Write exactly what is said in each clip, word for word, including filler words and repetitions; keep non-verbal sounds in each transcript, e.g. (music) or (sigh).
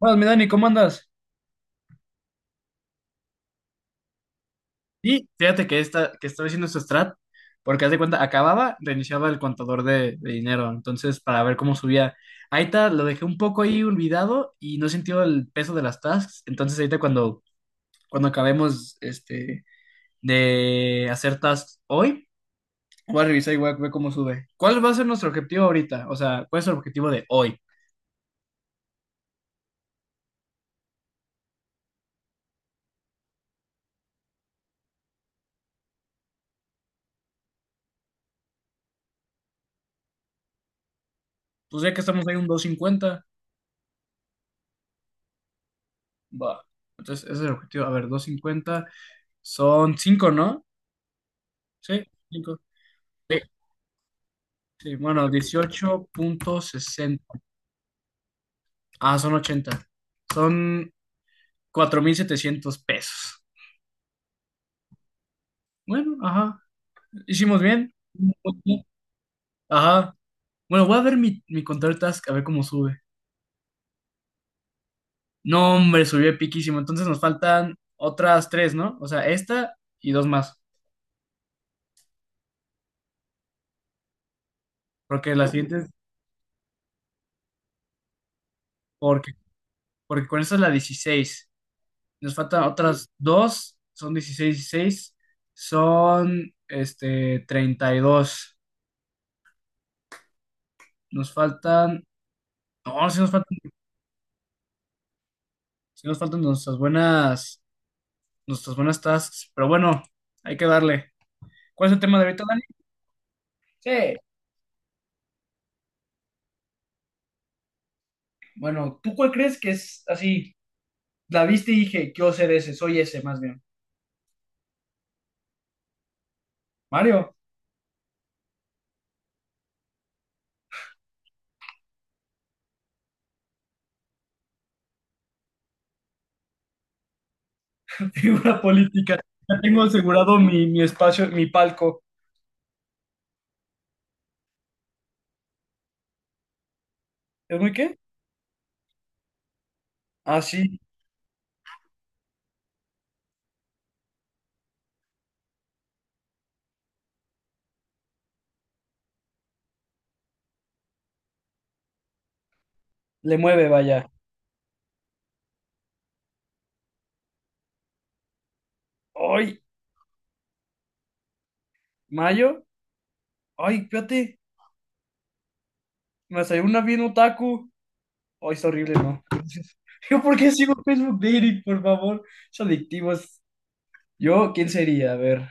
Buenas, mi Dani, ¿cómo andas? Y fíjate que, esta, que estaba haciendo este strat, porque haz de cuenta, acababa, reiniciaba el contador de, de dinero, entonces para ver cómo subía. Ahorita lo dejé un poco ahí olvidado y no he sentido el peso de las tasks, entonces ahorita cuando, cuando acabemos este, de hacer tasks hoy, voy a revisar y voy a ver cómo sube. ¿Cuál va a ser nuestro objetivo ahorita? O sea, ¿cuál es el objetivo de hoy? Pues ya que estamos ahí un doscientos cincuenta, va. Entonces ese es el objetivo. A ver, doscientos cincuenta son cinco, ¿no? Sí. Sí, sí, bueno, dieciocho punto sesenta. Ah, son ochenta. Son cuatro mil setecientos pesos. Bueno, ajá. Hicimos bien. Ajá. Bueno, voy a ver mi, mi control task, a ver cómo sube. No, hombre, subió piquísimo. Entonces nos faltan otras tres, ¿no? O sea, esta y dos más. Porque las siguientes, porque, porque con esta es la dieciséis. Nos faltan otras dos, son dieciséis 16. Son, este, treinta y dos. Nos faltan No, sí nos faltan, sí nos faltan nuestras buenas, nuestras buenas tasks, pero bueno, hay que darle. ¿Cuál es el tema de ahorita, Dani? Sí. Bueno, ¿tú cuál crees que es así? La viste y dije, quiero ser ese, soy ese más bien. Mario, (laughs) figura política. Ya tengo asegurado mi, mi espacio, mi palco. ¿Es muy qué? Ah, sí, le mueve, vaya. Ay, Mayo, ay, fíjate, me salió una bien otaku. Ay, está horrible, ¿no? (laughs) Yo, ¿por qué sigo Facebook Dating, por favor? Es adictivo, es. Yo, ¿quién sería? A ver,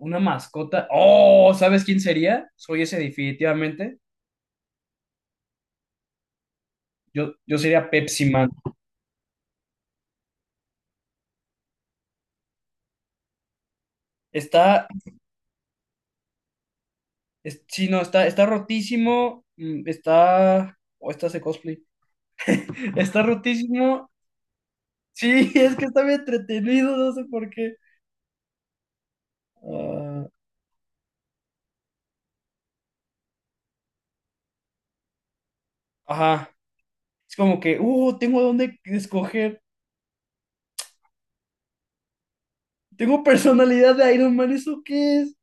una mascota. Oh, ¿sabes quién sería? Soy ese definitivamente. Yo, yo sería Pepsi Man. Está, es- sí, no, está, está rotísimo. mm, Está, o está ese cosplay. (laughs) Está rotísimo. Sí, (laughs) es que está bien entretenido, no sé por qué. Ah, ajá. Es como que, uh, tengo dónde escoger. Tengo personalidad de Iron Man, ¿eso qué es?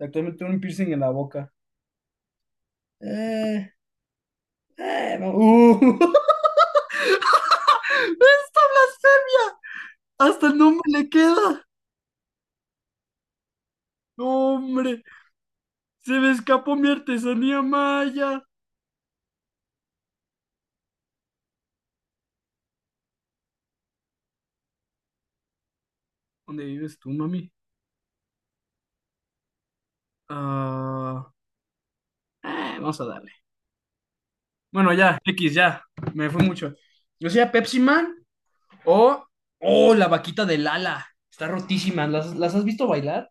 Actualmente tengo un piercing en la boca. Eh, eh, no, uh. (laughs) ¡Esta blasfemia! Hasta el nombre le queda. ¡No, hombre, se me escapó mi artesanía maya! ¿Dónde vives tú, mami? Ah, eh, vamos a darle. Bueno, ya, X, ya. Me fue mucho. Yo sea Pepsi Man o. ¡Oh, la vaquita de Lala! Está rotísima. ¿Las, las has visto bailar?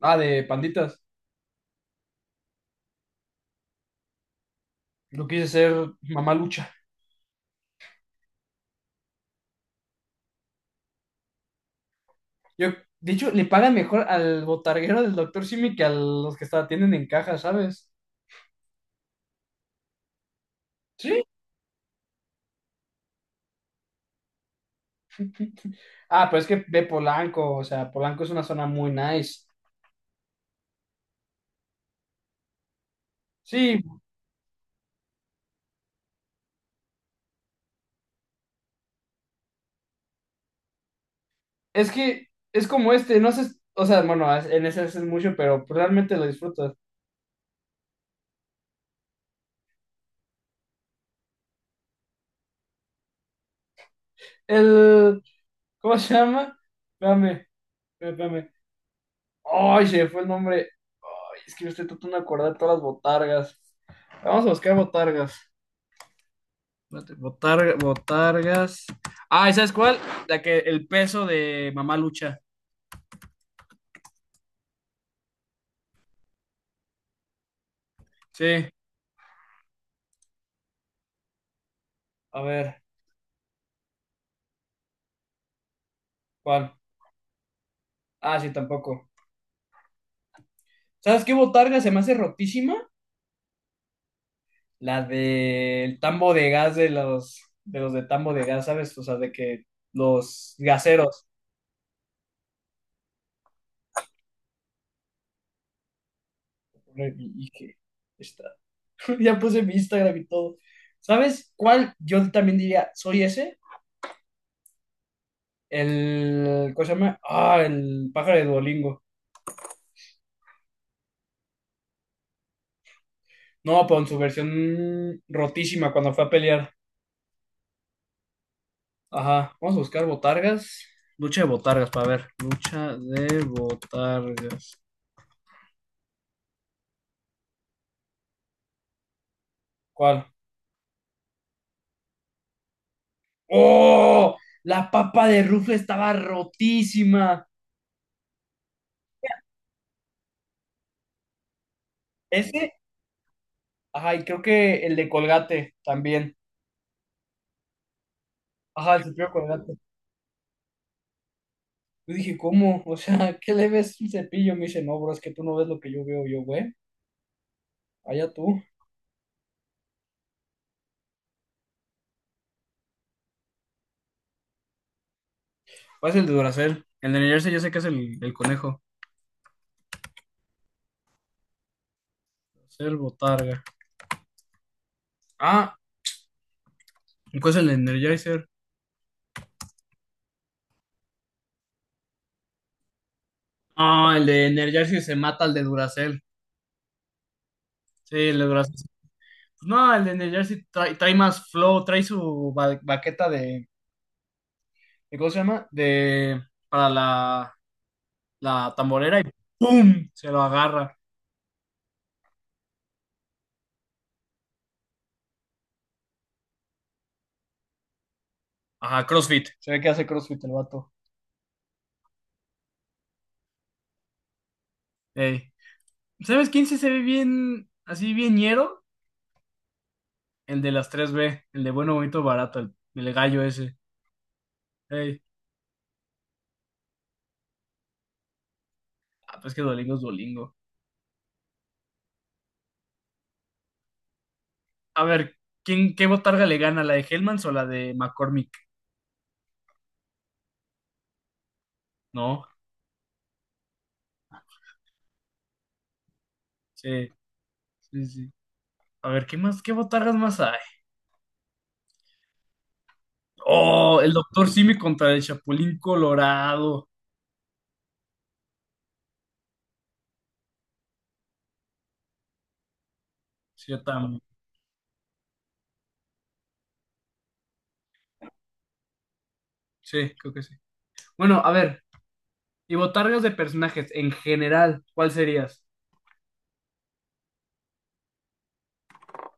Ah, de panditas. Lo quise ser mamá lucha. Yo, de hecho, le pagan mejor al botarguero del doctor Simi que a los que está- atienden en caja, ¿sabes? Sí. Ah, pero es que ve Polanco, o sea, Polanco es una zona muy nice. Sí, es que es como este, no sé, o sea, bueno, es- en ese es mucho, pero realmente lo disfrutas. El, ¿cómo se llama? Espérame, espérame. Ay, se me fue el nombre. Ay, es que yo estoy tratando de acordar de todas las botargas. Vamos a buscar botargas. Espérate, botarga- botargas. Ah, ¿y sabes cuál? La que, el peso de Mamá Lucha. Sí, a ver, ¿cuál? Ah, sí, tampoco. ¿Sabes qué botarga se me hace rotísima? La del tambo de gas de los, de los de tambo de gas, ¿sabes? O sea, de que los gaseros. Y que está. (laughs) Ya puse mi Instagram y todo. ¿Sabes cuál? Yo también diría, soy ese. El, ¿cómo se llama? Ah, el pájaro de Duolingo. No, pero en su versión rotísima cuando fue a pelear. Ajá. Vamos a buscar botargas. Lucha de botargas, para ver. Lucha de botargas. ¿Cuál? ¡Oh! La papa de Rufle estaba rotísima. Ese, ajá, y creo que el de Colgate también. Ajá, el cepillo de Colgate. Yo dije, ¿cómo? O sea, (laughs) ¿qué le ves un cepillo? Me dice, no, bro, es que tú no ves lo que yo veo. Yo, güey, allá tú. ¿Cuál es el de Duracell? El de Energizer yo sé que es el, el conejo. Duracell, botarga. Ah, ¿cuál es el de Energizer? Ah, el de Energizer se mata al de Duracell. Sí, el de Duracell. No, el de Energizer trae, trae más flow, trae su ba- baqueta de. ¿Y cómo se llama? De, para la, la tamborera y ¡pum! Se lo agarra. Ajá, CrossFit. Se ve que hace CrossFit el vato. Ey. ¿Sabes quién sí se ve bien, así bien ñero? El de las tres b, el de bueno, bonito, barato, el, el gallo ese. Ey. Ah, pues que Dolingo es Dolingo. A ver, ¿quién, qué botarga le gana? ¿La de Hellmans o la de McCormick? No, sí, sí, sí. A ver, ¿qué más, qué botargas más hay? Oh, el Doctor Simi contra el Chapulín Colorado. Sí, yo también. Sí, creo que sí. Bueno, a ver, y botargas de personajes en general, ¿cuál serías?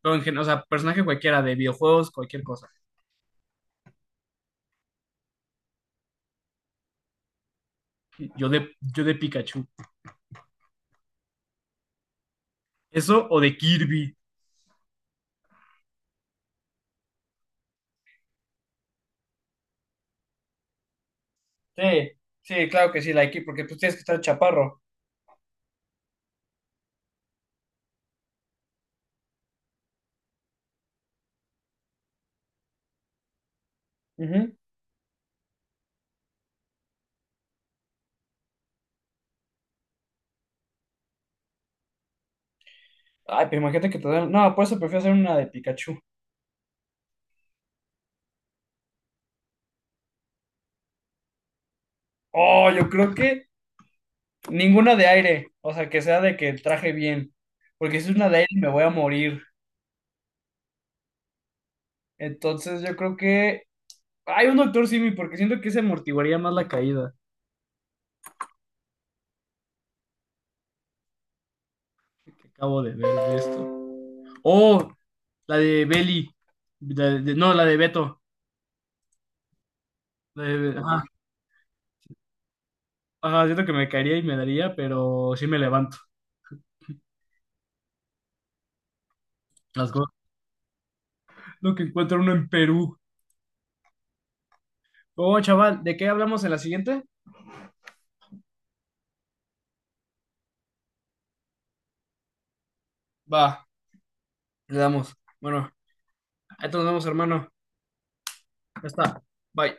O, en gen- o sea, personaje cualquiera, de videojuegos, cualquier cosa. Yo de, yo de Pikachu. ¿Eso o de Kirby? Sí, sí, claro que sí, la de Kirby, porque pues tienes que estar chaparro. Ujú. Ay, pero imagínate que te dan. No, por eso prefiero hacer una de Pikachu. Oh, yo creo que ninguna de aire. O sea, que sea de que traje bien. Porque si es una de aire me voy a morir. Entonces yo creo que. Hay un Doctor Simi, porque siento que se amortiguaría más la caída. Que acabo de ver de esto. Oh, la de Belly. La de- no, la de Beto. La de- ajá. Ajá, siento que me caería y me daría, pero sí me levanto. Las cosas. Lo que encuentra uno en Perú. Oh, chaval, ¿de qué hablamos en la siguiente? Va, le damos. Bueno, ahí nos vemos, hermano. Ya está. Bye.